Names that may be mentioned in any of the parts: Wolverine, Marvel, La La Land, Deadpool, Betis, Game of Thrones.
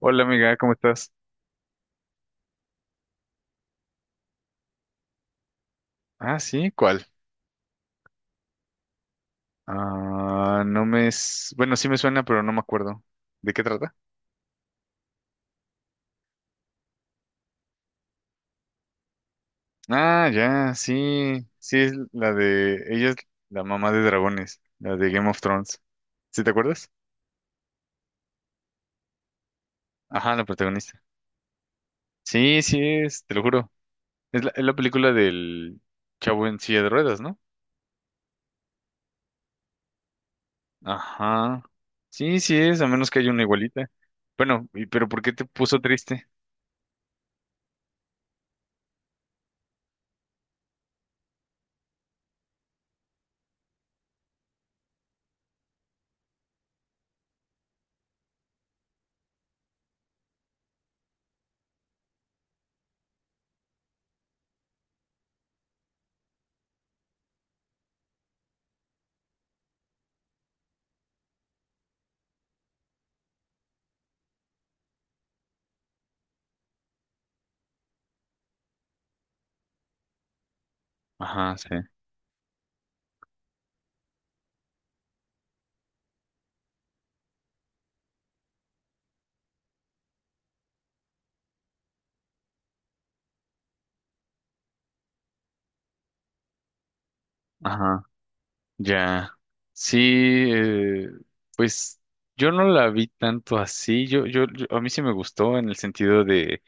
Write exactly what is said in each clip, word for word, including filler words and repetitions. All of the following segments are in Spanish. Hola amiga, ¿cómo estás? Ah, sí, ¿cuál? Ah, no me, s- bueno, sí me suena, pero no me acuerdo. ¿De qué trata? Ah, ya, sí, sí es la de, ella es la mamá de dragones, la de Game of Thrones. ¿Sí te acuerdas? Ajá, la protagonista. Sí, sí es, te lo juro. Es la, es la película del chavo en silla de ruedas, ¿no? Ajá. Sí, sí es, a menos que haya una igualita. Bueno, y- pero ¿por qué te puso triste? Ajá, sí. Ajá. Ya, sí, eh, pues yo no la vi tanto así, yo, yo, yo- a mí sí me gustó en el sentido de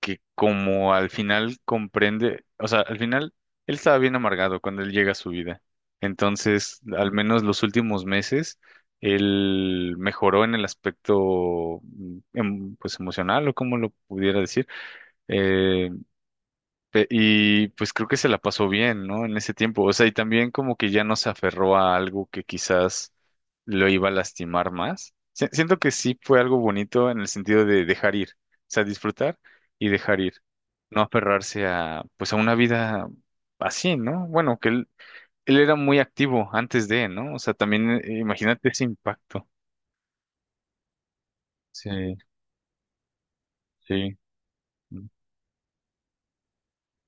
que como al final comprende, o sea, al final él estaba bien amargado cuando él llega a su vida, entonces al menos los últimos meses él mejoró en el aspecto, mm, em- pues emocional o como lo pudiera decir, eh, Pe- Y pues creo que se la pasó bien, ¿no? En ese tiempo. O sea, y también como que ya no se aferró a algo que quizás lo iba a lastimar más. Si- siento que sí fue algo bonito en el sentido de dejar ir. O sea, disfrutar y dejar ir. No aferrarse a, pues a una vida así, ¿no? Bueno, que él, él era muy activo antes de, ¿no? O sea, también eh, imagínate ese impacto. Sí, sí.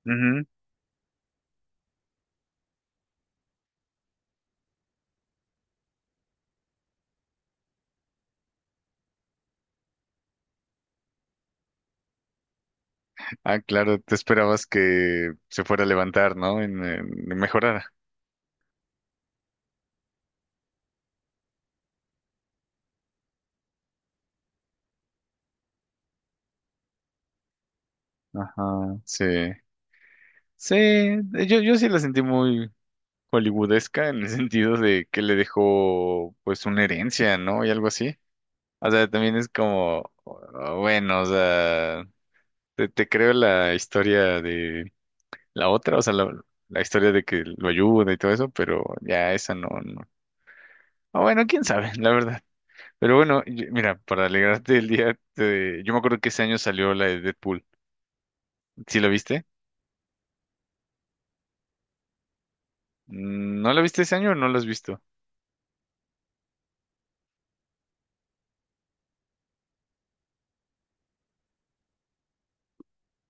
Ujú. Ah, claro, te esperabas que se fuera a levantar, ¿no? En, en- mejorara. Ajá, sí. Sí, yo, yo sí la sentí muy hollywoodesca en el sentido de que le dejó pues una herencia, ¿no? Y algo así. O sea, también es como, uh, bueno, o sea, te, te creo la historia de la otra, o sea, la, la historia de que lo ayuda y todo eso, pero ya esa no, no. O bueno, quién sabe, la verdad. Pero bueno, y- mira, para alegrarte el día, te- yo me acuerdo que ese año salió la de Deadpool. ¿Sí la viste? Mm, ¿No la viste ese año o no la has visto?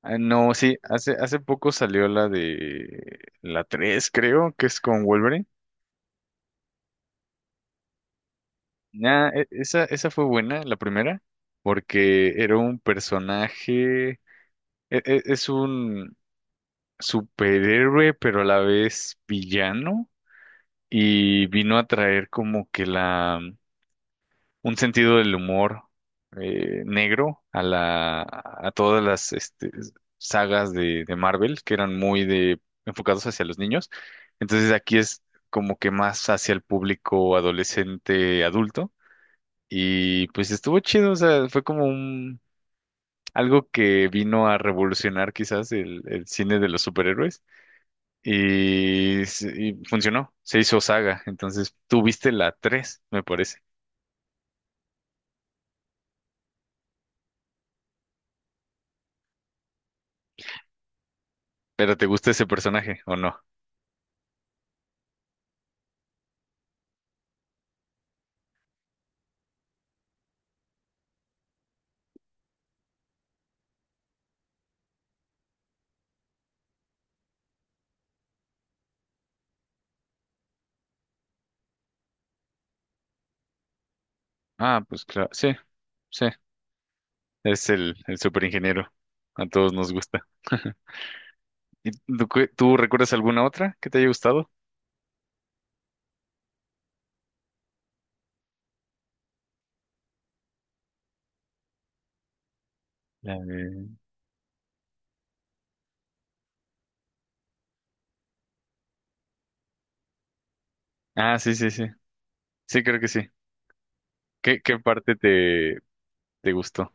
Ah, no, sí, hace, hace poco salió la de la tres, creo, que es con Wolverine. Nah, e- esa, esa fue buena, la primera, porque era un personaje, e- e- es un superhéroe, pero a la vez villano, y vino a traer como que la un sentido del humor eh, negro a la a todas las este, sagas de, de Marvel que eran muy de enfocados hacia los niños. Entonces aquí es como que más hacia el público adolescente adulto y pues estuvo chido, o sea, fue como un algo que vino a revolucionar quizás el, el cine de los superhéroes y, s- y funcionó, se hizo saga, entonces tú viste la tres me parece, pero ¿te gusta ese personaje o no? Ah, pues claro, sí, sí, es el, el superingeniero. A todos nos gusta. ¿Y tú, qué- tú recuerdas alguna otra que te haya gustado? La de- Ah, sí, sí, sí. Sí, creo que sí. ¿Qué, qué parte te, te gustó?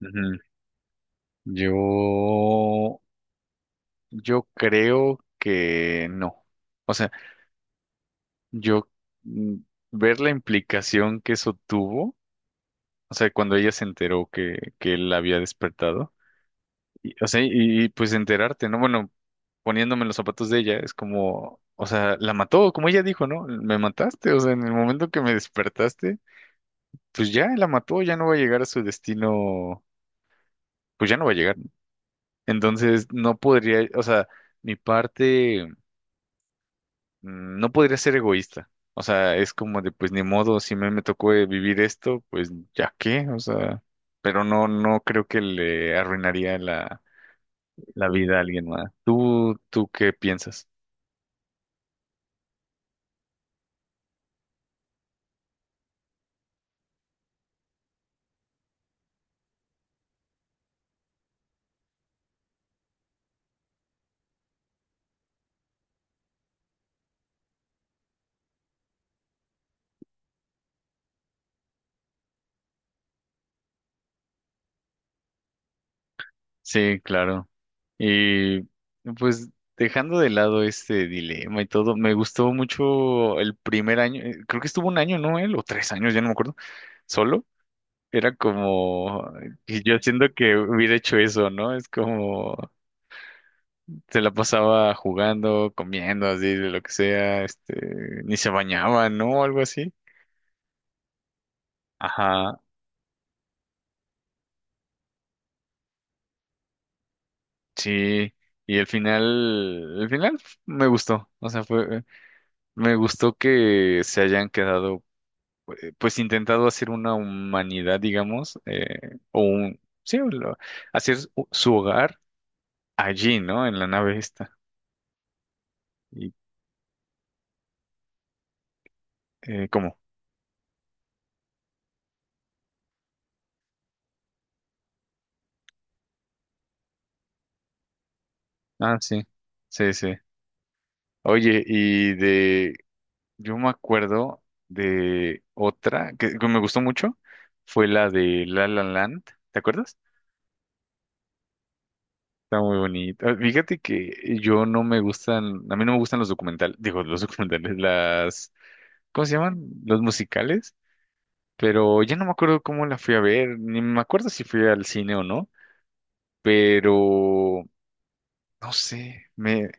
Ujú. Yo, yo creo que no. O sea, yo, mm, ver la implicación que eso tuvo, o sea, cuando ella se enteró que, que él la había despertado, y, o sea, y, y, pues enterarte, ¿no? Bueno, poniéndome en los zapatos de ella, es como, o sea, la mató, como ella dijo, ¿no? Me mataste, o sea, en el momento que me despertaste, pues ya la mató, ya no va a llegar a su destino, pues ya no va a llegar, ¿no? Entonces, no podría, o sea, mi parte, mm, no podría ser egoísta. O sea, es como de, pues ni modo, si me, me tocó eh, vivir esto, pues ya qué, o sea, pero no, no creo que le arruinaría la, la vida a alguien más. ¿Tú, tú qué piensas? Sí, claro. Y pues dejando de lado este dilema y todo, me gustó mucho el primer año, eh, creo que estuvo un año, ¿no? Él, o tres años, ya no me acuerdo, solo. Era como, y yo siento que hubiera hecho eso, ¿no? Es como, se la pasaba jugando, comiendo, así, de lo que sea, este, ni se bañaba, ¿no? Algo así. Ajá, sí. Y el final, el final me gustó. O sea, fue, me gustó que se hayan quedado pues intentado hacer una humanidad, digamos, eh, o un, sí, o lo- hacer u- su hogar allí, ¿no? En la nave esta. ¿Y eh, cómo? Ah, sí, sí, sí. Oye, y de, yo me acuerdo de otra que, que me gustó mucho, fue la de La La Land, ¿te acuerdas? Está muy bonita. Ah, fíjate que yo no me gustan, a mí no me gustan los documentales, digo, los documentales, las, ¿cómo se llaman? Los musicales. Pero ya no me acuerdo cómo la fui a ver, ni me acuerdo si fui al cine o no, pero no sé, me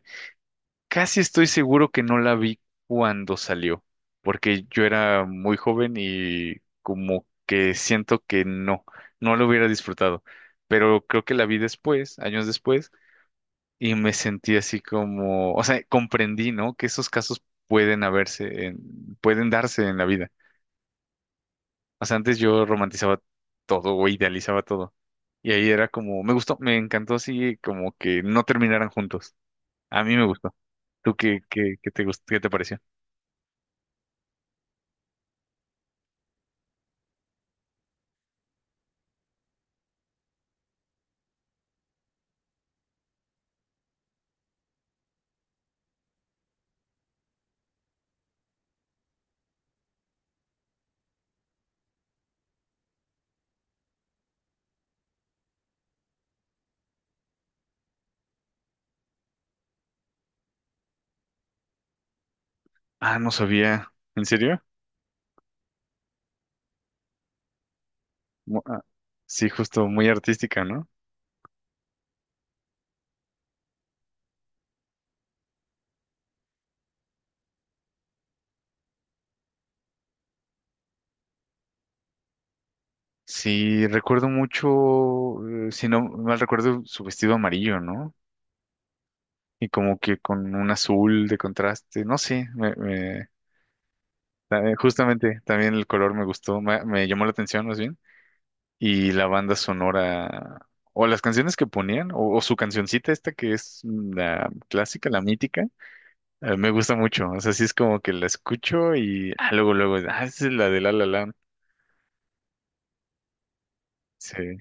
casi estoy seguro que no la vi cuando salió, porque yo era muy joven y como que siento que no, no lo hubiera disfrutado, pero creo que la vi después, años después, y me sentí así como, o sea, comprendí, ¿no? Que esos casos pueden haberse, en- pueden darse en la vida. O sea, antes yo romantizaba todo o idealizaba todo. Y ahí era como, me gustó, me encantó así como que no terminaran juntos. A mí me gustó. ¿Tú qué, qué, qué te gustó, qué te pareció? Ah, no sabía. ¿En serio? Mu- ah, sí, justo, muy artística, ¿no? Sí, recuerdo mucho, eh, si no mal recuerdo, su vestido amarillo, ¿no? Y como que con un azul de contraste, no sé, me, me- ta- eh, justamente también el color me gustó, me, me llamó la atención más bien. Y la banda sonora, o las canciones que ponían, o, o su cancioncita esta que es la clásica, la mítica, eh, me gusta mucho. O sea, sí es como que la escucho y ah, luego, luego, ah, esa es la de La La Land. Sí.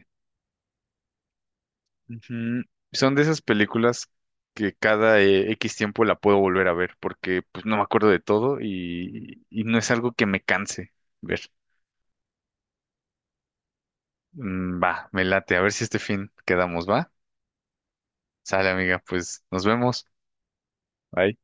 Ujú. Son de esas películas que cada eh, equis tiempo la puedo volver a ver porque pues no me acuerdo de todo y, y no es algo que me canse ver. Mm, va, me late. A ver si este fin quedamos, ¿va? Sale, amiga, pues nos vemos. Bye.